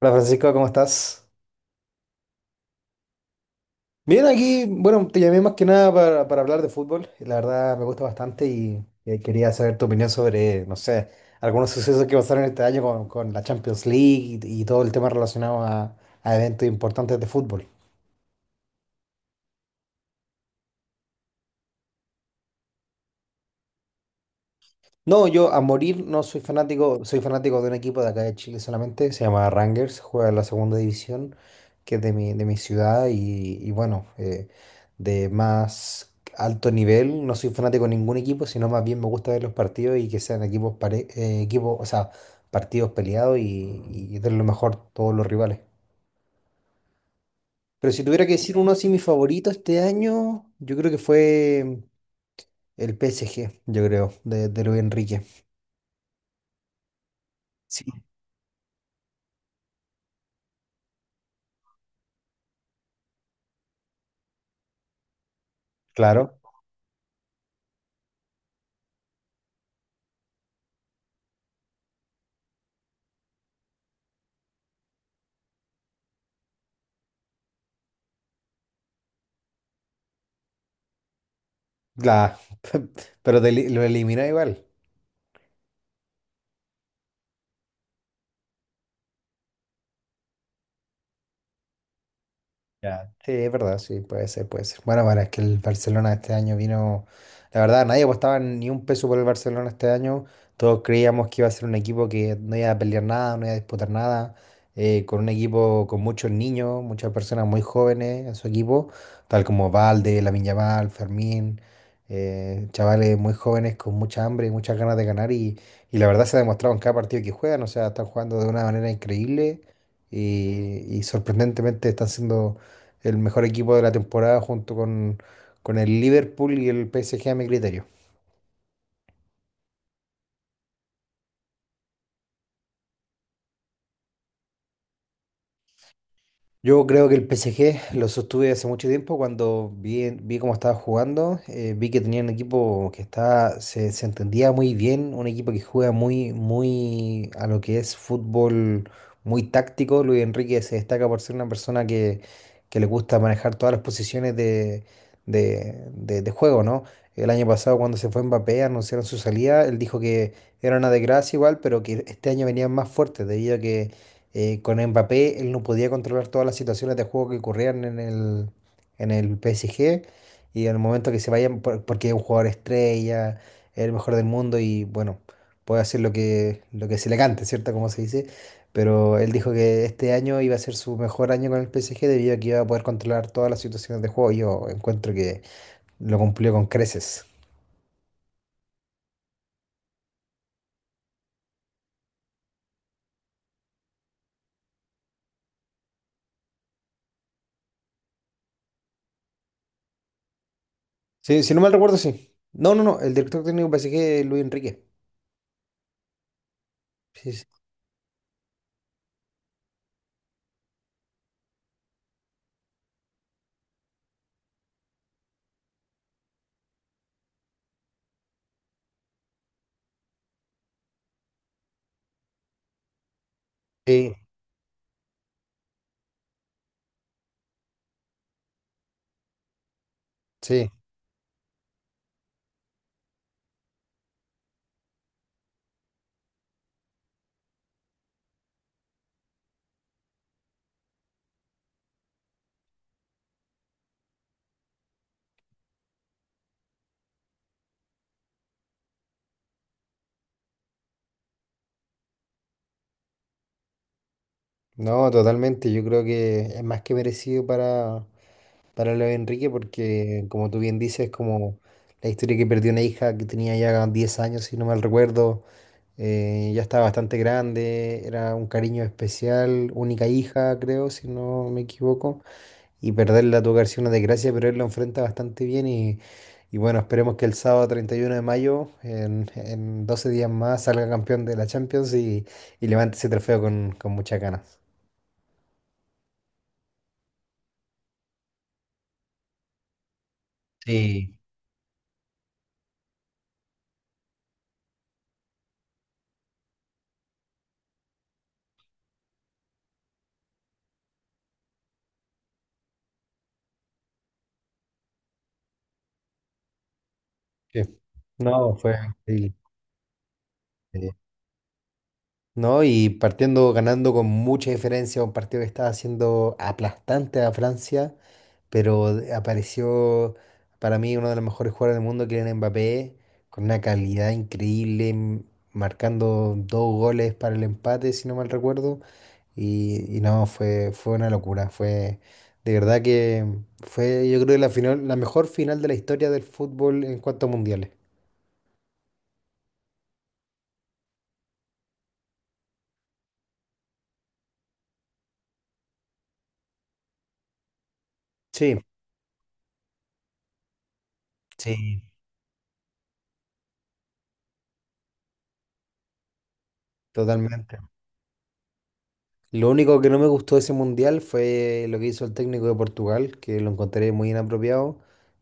Hola Francisco, ¿cómo estás? Bien, aquí, bueno, te llamé más que nada para hablar de fútbol. La verdad me gusta bastante y quería saber tu opinión sobre, no sé, algunos sucesos que pasaron este año con la Champions League y todo el tema relacionado a eventos importantes de fútbol. No, yo a morir no soy fanático, soy fanático de un equipo de acá de Chile solamente, se llama Rangers, juega en la segunda división, que es de mi ciudad y, y bueno, eh, de más alto nivel, no soy fanático de ningún equipo, sino más bien me gusta ver los partidos y que sean equipos, o sea, partidos peleados y de lo mejor todos los rivales. Pero si tuviera que decir uno así, mi favorito este año, yo creo que fue el PSG, yo creo, de Luis Enrique. Sí. Claro. La, pero lo elimina igual. Ya, sí, es verdad, sí, puede ser, puede ser. Bueno, bueno, es que el Barcelona este año vino, la verdad, nadie apostaba ni un peso por el Barcelona este año. Todos creíamos que iba a ser un equipo que no iba a pelear nada, no iba a disputar nada, con un equipo con muchos niños, muchas personas muy jóvenes en su equipo, tal como Valde, Lamine Yamal, Fermín, chavales muy jóvenes con mucha hambre y muchas ganas de ganar la verdad se ha demostrado en cada partido que juegan, o sea, están jugando de una manera increíble y sorprendentemente están siendo el mejor equipo de la temporada junto con el Liverpool y el PSG a mi criterio. Yo creo que el PSG lo sostuve hace mucho tiempo cuando vi cómo estaba jugando, vi que tenía un equipo que estaba, se entendía muy bien, un equipo que juega muy, muy a lo que es fútbol muy táctico. Luis Enrique se destaca por ser una persona que le gusta manejar todas las posiciones de juego, ¿no? El año pasado cuando se fue Mbappé, anunciaron su salida, él dijo que era una desgracia igual, pero que este año venían más fuertes debido a que con Mbappé él no podía controlar todas las situaciones de juego que ocurrían en el PSG y en el momento que se vayan, porque es un jugador estrella, es el mejor del mundo y bueno, puede hacer lo que se le cante, ¿cierto? Como se dice, pero él dijo que este año iba a ser su mejor año con el PSG debido a que iba a poder controlar todas las situaciones de juego y yo encuentro que lo cumplió con creces. Sí, si no mal recuerdo, sí. No, no, no, el director técnico del PSG es Luis Enrique. Sí, sí. Sí, sí. No, totalmente. Yo creo que es más que merecido para Leo Enrique porque, como tú bien dices, como la historia que perdió una hija que tenía ya 10 años, si no mal recuerdo. Ya estaba bastante grande, era un cariño especial, única hija, creo, si no me equivoco, y perderla tuvo que haber sido una desgracia, pero él lo enfrenta bastante bien esperemos que el sábado 31 de mayo, en 12 días más, salga campeón de la Champions y levante ese trofeo con muchas ganas. Sí. Sí. No, fue increíble. Sí. No, y partiendo ganando con mucha diferencia, un partido que estaba siendo aplastante a Francia, pero apareció para mí uno de los mejores jugadores del mundo, que era Mbappé, con una calidad increíble, marcando dos goles para el empate, si no mal recuerdo. Y no, fue una locura. Fue de verdad que fue, yo creo, la final, la mejor final de la historia del fútbol en cuanto a mundiales. Sí, sí, totalmente. Lo único que no me gustó de ese mundial fue lo que hizo el técnico de Portugal, que lo encontré muy inapropiado,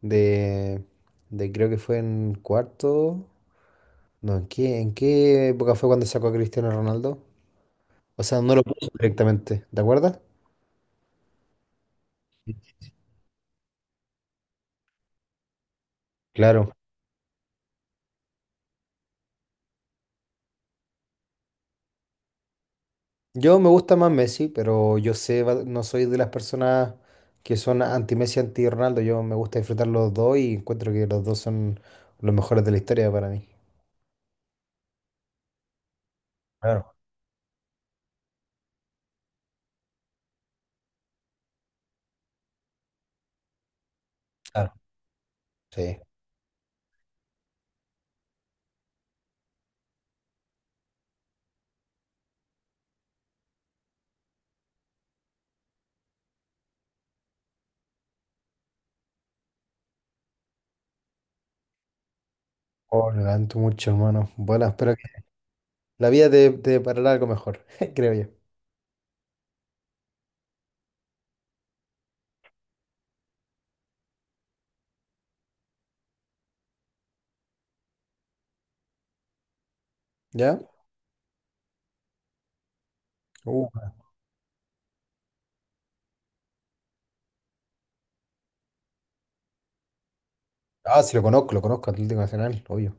de, de creo que fue en cuarto. No, ¿en qué época fue cuando sacó a Cristiano Ronaldo? O sea, no lo puso directamente, ¿te acuerdas? Claro. Yo me gusta más Messi, pero yo sé, no soy de las personas que son anti-Messi, anti-Ronaldo, yo me gusta disfrutar los dos y encuentro que los dos son los mejores de la historia para mí. Claro, claro. Sí. Oh, lo lamento mucho, hermano. Bueno, espero. La vida te parará algo mejor, creo yo. ¿Ya? Uh, ah, sí, lo conozco, Atlético Nacional, obvio.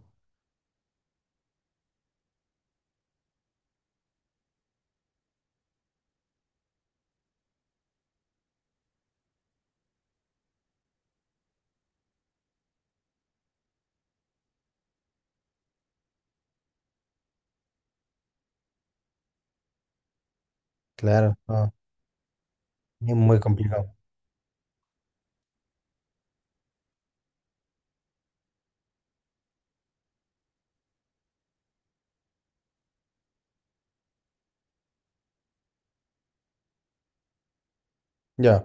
Claro, no, es muy complicado. Ya,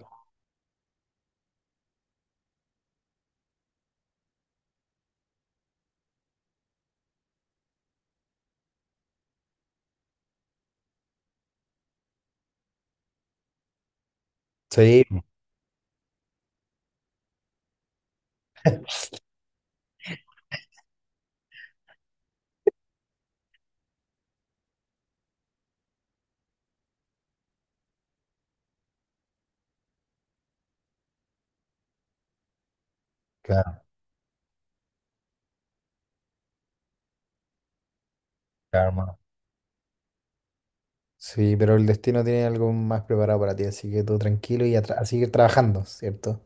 sí, claro, claro, hermano. Sí, pero el destino tiene algo más preparado para ti, así que tú tranquilo y a seguir trabajando, ¿cierto?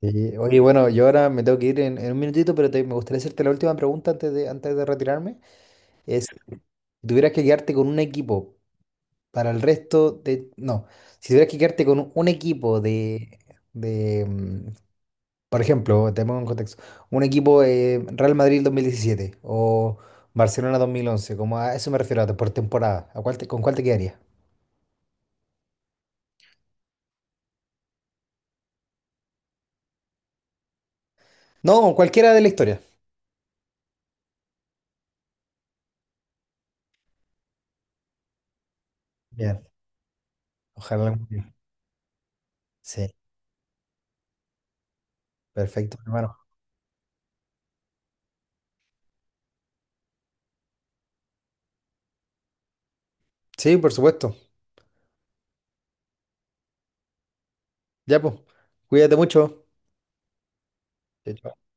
Y, oye, bueno, yo ahora me tengo que ir en un minutito, pero me gustaría hacerte la última pregunta antes de retirarme. Es, si tuvieras que quedarte con un equipo para el resto de... No, si tuvieras que quedarte con un equipo de de, mm, por ejemplo, te pongo en contexto, un equipo Real Madrid 2017 o Barcelona 2011, como a eso me refiero, por temporada, ¿a cuál con cuál te quedaría? No, con cualquiera de la historia. Bien, ojalá algún día. Sí, perfecto, hermano. Sí, por supuesto. Ya, pues, cuídate mucho. Chao, chao.